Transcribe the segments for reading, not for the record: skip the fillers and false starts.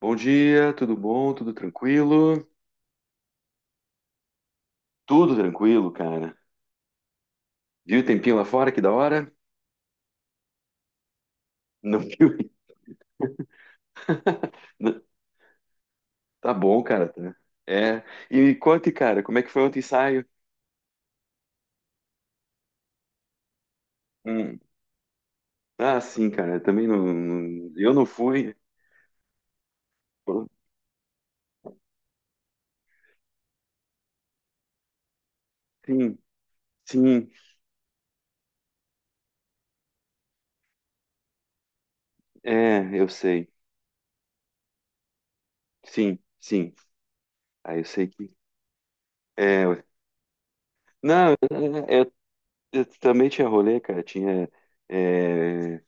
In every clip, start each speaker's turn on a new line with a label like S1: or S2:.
S1: Bom dia, tudo bom? Tudo tranquilo? Tudo tranquilo, cara. Viu o tempinho lá fora? Que da hora? Não viu? Não- Tá bom, cara. Tá. É. E me conte, cara, como é que foi ontem o ensaio? Hum. Ah, sim, cara. Também não. Eu não fui. Pô. Sim, sim. É, eu sei. Sim, sim. Aí eu sei que. É. Não, eu, eu também tinha rolê, cara. Tinha. É.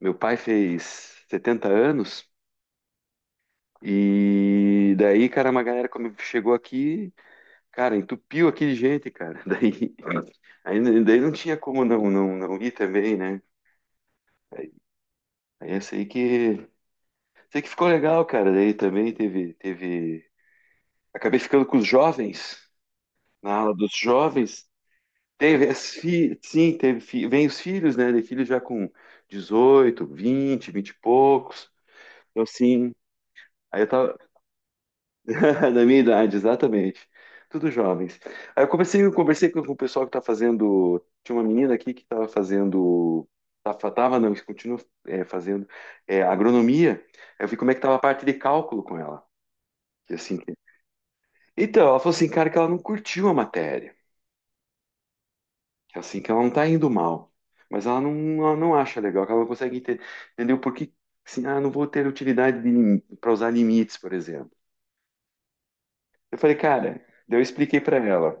S1: Meu pai fez 70 anos. E daí, cara, uma galera chegou aqui, cara, entupiu aqui de gente, cara. Daí, aí, daí não tinha como não ir também, né? Aí essa aí que, sei que ficou legal, cara. Daí também teve. Acabei ficando com os jovens, na aula dos jovens. Teve as filhas, sim, vem os filhos, né? Tem filhos já com 18, 20, 20 e poucos. Então, sim, aí eu tava. Da minha idade, exatamente. Tudo jovens. Aí eu conversei com o pessoal que tá fazendo. Tinha uma menina aqui que estava fazendo. Tava, não, continua fazendo agronomia. Aí eu vi como é que tava a parte de cálculo com ela. E assim, então, ela falou assim, cara, que ela não curtiu a matéria. Que assim, que ela não tá indo mal. Mas ela não acha legal, que ela não consegue entender o porquê. Assim, ah, não vou ter utilidade para usar limites, por exemplo. Eu falei, cara, daí eu expliquei para ela.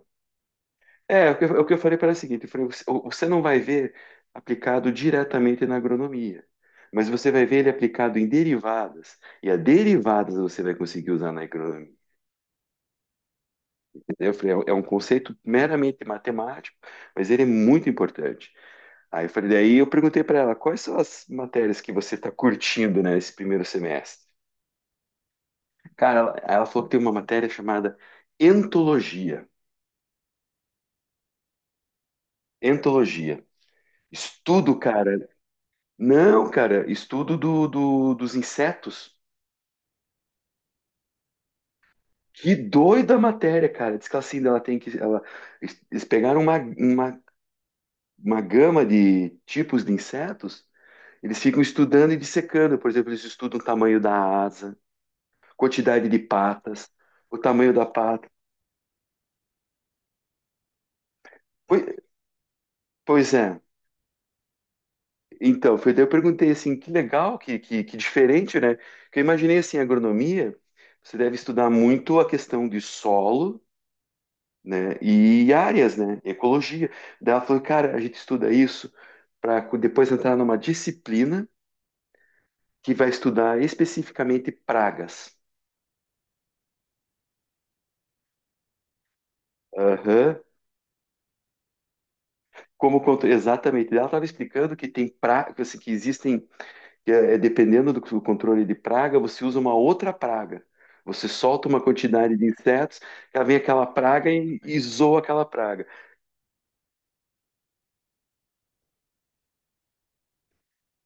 S1: É, o que eu falei para ela é o seguinte, eu falei, você não vai ver aplicado diretamente na agronomia, mas você vai ver ele aplicado em derivadas, e a derivadas você vai conseguir usar na agronomia. Eu falei, é um conceito meramente matemático, mas ele é muito importante. Aí eu falei, daí eu perguntei para ela, quais são as matérias que você está curtindo, né, esse primeiro semestre? Cara, ela falou que tem uma matéria chamada entologia, entologia. Estudo, cara. Não, cara, estudo dos insetos. Que doida a matéria, cara. Diz que assim, ela tem que. Ela, eles pegaram uma gama de tipos de insetos, eles ficam estudando e dissecando. Por exemplo, eles estudam o tamanho da asa, quantidade de patas, o tamanho da pata. Foi- Pois é. Então, foi daí eu perguntei assim, que legal, que diferente, né? Porque eu imaginei assim, a agronomia, você deve estudar muito a questão de solo, né? E áreas, né? Ecologia. Daí ela falou, cara, a gente estuda isso para depois entrar numa disciplina que vai estudar especificamente pragas. Aham. Exatamente, ela estava explicando que tem pragas assim, que existem, que é, dependendo do controle de praga, você usa uma outra praga. Você solta uma quantidade de insetos, ela vem aquela praga e zoa aquela praga.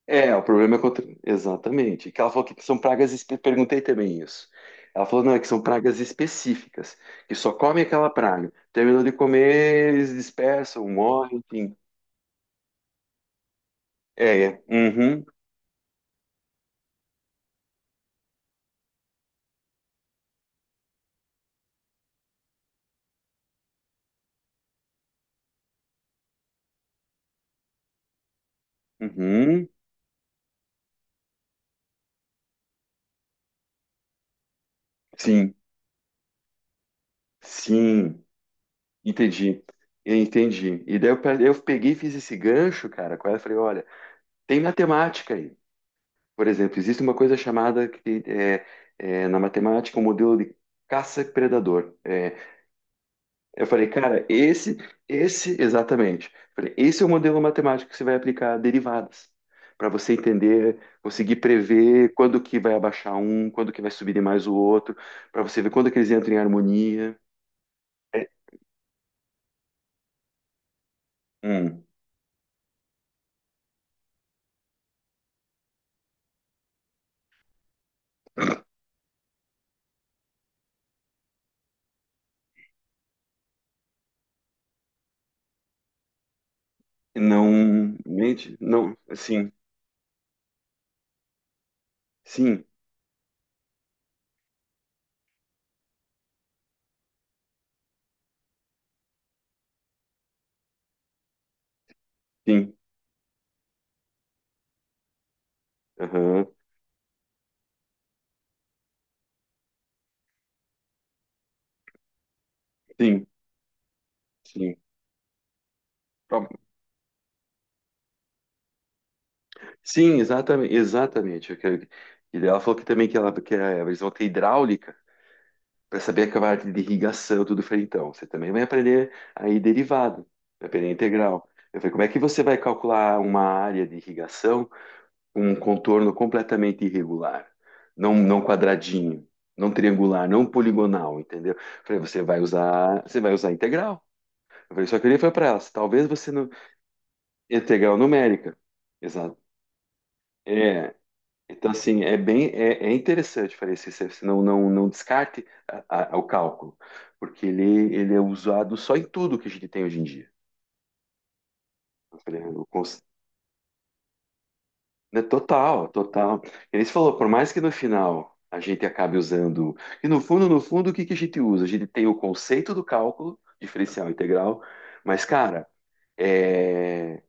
S1: É, o problema é exatamente. Que ela falou que são pragas. Perguntei também isso. Ela falou, não, é que são pragas específicas, que só comem aquela praga. Terminou de comer, eles dispersam, morrem, enfim. É, é. Uhum, uhum. Sim, sim. Entendi. Eu entendi. E daí eu peguei e fiz esse gancho, cara, com ela e falei, olha, tem matemática aí. Por exemplo, existe uma coisa chamada na matemática, o modelo de caça-predador. É, eu falei, cara, esse, exatamente. Falei, esse é o modelo matemático que você vai aplicar a derivadas, para você entender, conseguir prever quando que vai abaixar um, quando que vai subir mais o outro, para você ver quando que eles entram em harmonia. É, hum, não, mente, não, sim, sim, sim, aham, sim, sim. Tá. Sim, exatamente, exatamente. E daí ela falou que também que, ela, que eles vão ter hidráulica, para saber a parte de irrigação, tudo. Eu falei, então, você também vai aprender aí derivada, vai aprender integral. Eu falei, como é que você vai calcular uma área de irrigação com um contorno completamente irregular, não, não quadradinho, não triangular, não poligonal, entendeu? Eu falei, você vai usar integral. Eu falei, só que eu olhei falei para elas, talvez você não... Integral numérica. Exato. É, então, assim, é bem interessante fazer esse exercício, não, não, não descarte o cálculo, porque ele é usado só em tudo que a gente tem hoje em dia. Eu falei, né. Total, total. Ele falou, por mais que no final a gente acabe usando, e no fundo, no fundo, o que que a gente usa? A gente tem o conceito do cálculo, diferencial integral, mas, cara, é,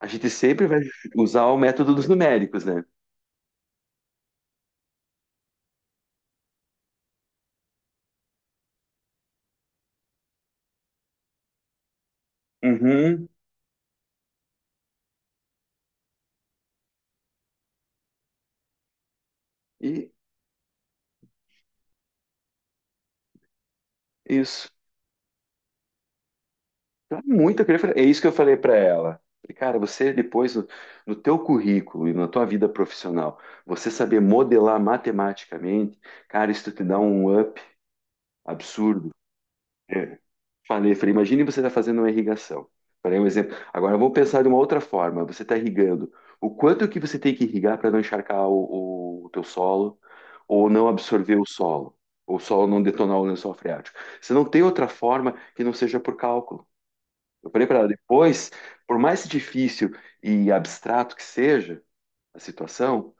S1: a gente sempre vai usar o método dos numéricos, né? Uhum, e isso. Tá muito, é isso que eu falei para ela. Falei, cara, você depois no teu currículo e na tua vida profissional, você saber modelar matematicamente, cara, isso te dá um up absurdo. É. Falei, imagine você está fazendo uma irrigação. Falei um exemplo. Agora vamos pensar de uma outra forma. Você está irrigando. O quanto que você tem que irrigar para não encharcar o teu solo ou não absorver o solo, ou o solo não detonar o lençol freático. Você não tem outra forma que não seja por cálculo. Eu falei para ela, depois, por mais difícil e abstrato que seja a situação,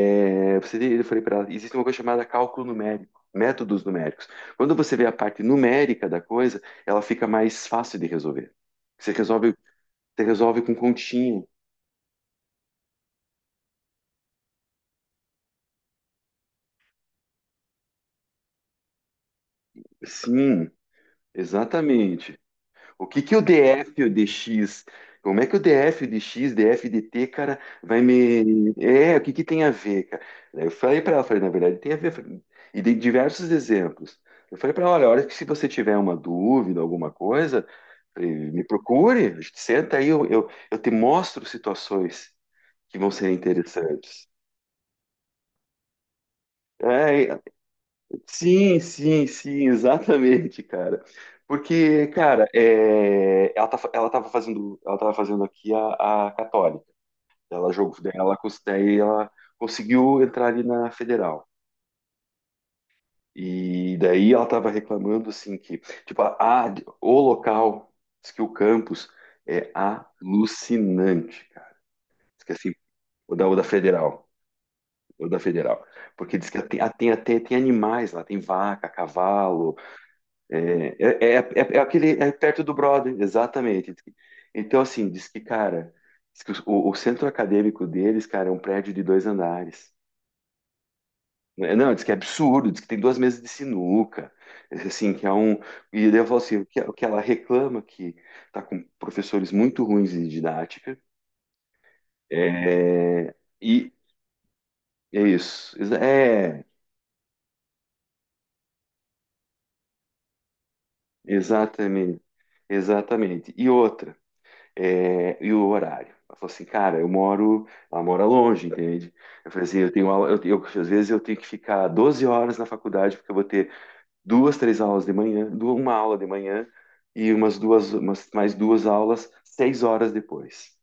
S1: eu falei para ela, existe uma coisa chamada cálculo numérico, métodos numéricos. Quando você vê a parte numérica da coisa, ela fica mais fácil de resolver. Você resolve, você resolve com continha. Sim, exatamente. O que que o DF e o DX, como é que o DF, o DX, DF, DT, cara, vai me... É, o que que tem a ver, cara? Daí eu falei para ela, falei, na verdade, tem a ver, falei, e dei diversos exemplos. Eu falei para ela, olha, a hora que se você tiver uma dúvida, alguma coisa, falei, me procure, a gente senta aí, eu te mostro situações que vão ser interessantes. É, sim, sim, sim, exatamente, cara. Porque, cara, ela tava fazendo aqui a Católica. Ela jogou, daí ela conseguiu entrar ali na Federal. E daí ela tava reclamando assim que, tipo, a- o local, diz que o campus é alucinante, cara. Diz que assim, o da Federal, o da Federal. Porque diz que tem animais lá, tem vaca, cavalo. É, aquele é perto do brother, exatamente. Então, assim, diz que, cara, diz que o centro acadêmico deles, cara, é um prédio de dois andares. Né? Não, diz que é absurdo, diz que tem duas mesas de sinuca, assim, que é um. E daí eu falo assim, o que ela reclama que tá com professores muito ruins de didática. É, e é isso. É, exatamente, exatamente. E outra. E o horário. Ela falou assim, cara, eu moro, ela mora longe, entende? Eu falei assim, eu tenho aula, às vezes eu tenho que ficar 12 horas na faculdade, porque eu vou ter duas, três aulas de manhã, uma aula de manhã e umas duas, umas, mais duas aulas, 6 horas depois.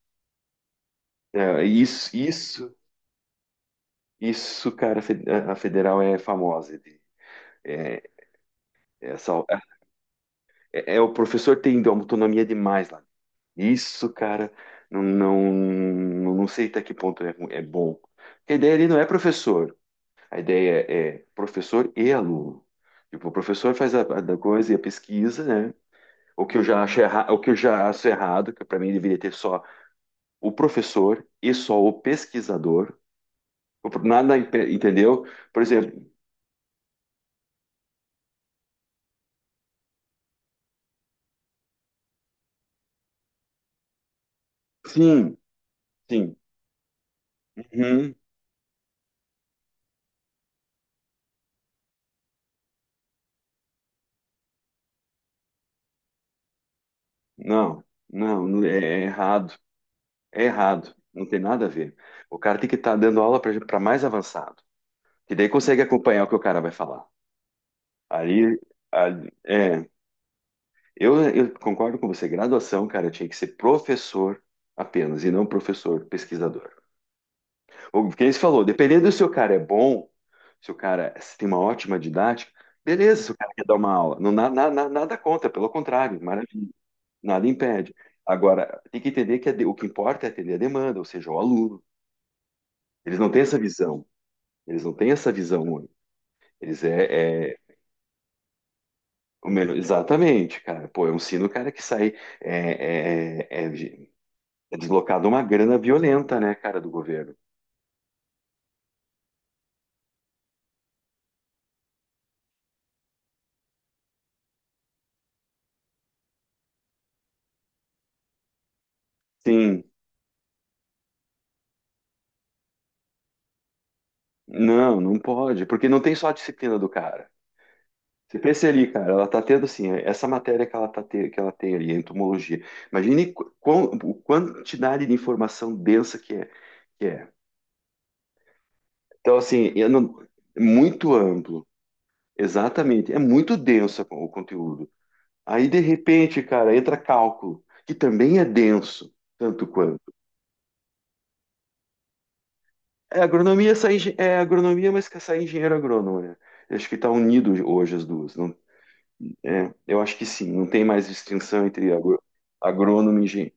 S1: É, isso, cara, a Federal é famosa. É, é, essa, o professor tem autonomia demais lá. Isso, cara, não, não, não sei até que ponto é bom. Porque a ideia ali não é professor, a ideia é professor e aluno. Tipo, o professor faz a da coisa e a pesquisa, né? O que eu já acho errado, o que eu já acho errado, que para mim deveria ter só o professor e só o pesquisador. Nada, entendeu? Por exemplo, sim, sim, uhum, não, não, é errado, é errado, não tem nada a ver. O cara tem que estar dando aula para mais avançado. Que daí consegue acompanhar o que o cara vai falar. Ali, ali- é, eu concordo com você. Graduação, cara, tinha que ser professor apenas, e não professor pesquisador. O que você falou, dependendo se o cara é bom, se o cara tem uma ótima didática, beleza, se o cara quer dar uma aula. Não, nada contra, pelo contrário, maravilha. Nada impede. Agora, tem que entender que o que importa é atender a demanda, ou seja, o aluno. Eles não têm essa visão. Eles não têm essa visão. Única. Eles é, é- O melhor, exatamente, cara. Pô, é um sino, cara, que sai. É, é, é, é de- É deslocado uma grana violenta, né, cara, do governo. Sim, não, não pode, porque não tem só a disciplina do cara. Você pensa ali, cara, ela tá tendo assim, essa matéria que que ela tem ali, entomologia. Imagine quão, o quantidade de informação densa que é. Então, assim, eu não- é muito amplo. Exatamente, é muito denso o conteúdo. Aí, de repente, cara, entra cálculo, que também é denso, tanto quanto. É agronomia, mas que sai engenheiro agrônomo, né? Eu acho que está unido hoje as duas. Não, eu acho que sim, não tem mais distinção entre agrônomo e engenheiro.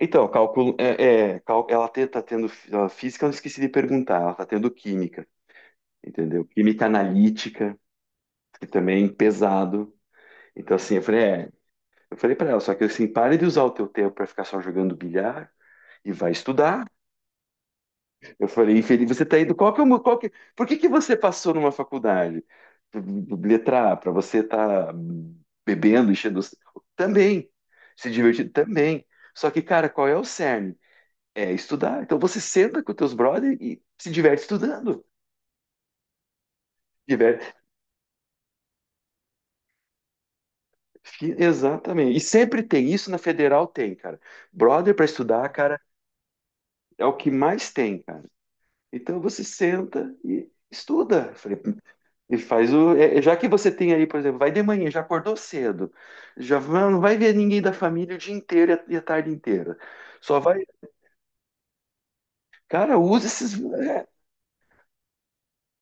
S1: Então, cálculo, ela está tendo a física, eu esqueci de perguntar, ela está tendo química, entendeu? Química analítica, que também é pesado. Então, assim, eu falei para ela, só que assim, pare de usar o teu tempo para ficar só jogando bilhar e vai estudar. Eu falei, Felipe, você tá indo. Qual que é o, qual que, por que que você passou numa faculdade? Letra A, para você estar tá bebendo, enchendo. Também. Se divertindo também. Só que, cara, qual é o cerne? É estudar. Então você senta com os teus brothers e se diverte estudando. Diverte. Exatamente. E sempre tem. Isso na Federal tem, cara. Brother para estudar, cara, é o que mais tem, cara. Então você senta e estuda. Falei, e faz o. Já que você tem aí, por exemplo, vai de manhã, já acordou cedo, não vai ver ninguém da família o dia inteiro e e a tarde inteira. Só vai. Cara, usa esses.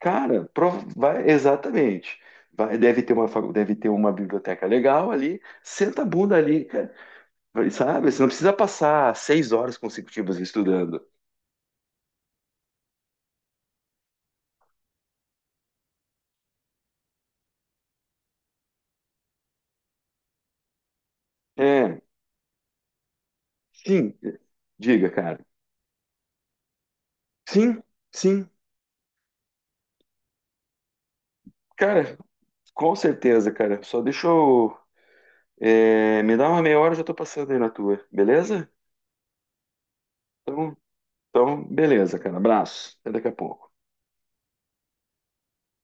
S1: Cara, vai, exatamente. Vai, deve ter uma biblioteca legal ali, senta a bunda ali, cara. Vai. Sabe? Você não precisa passar 6 horas consecutivas estudando. É, sim, diga, cara. Sim, sim, cara, com certeza, cara. Só deixa eu. É, me dá uma meia hora, eu já tô passando aí na tua, beleza? Então, então, beleza, cara. Abraço. Até daqui a pouco.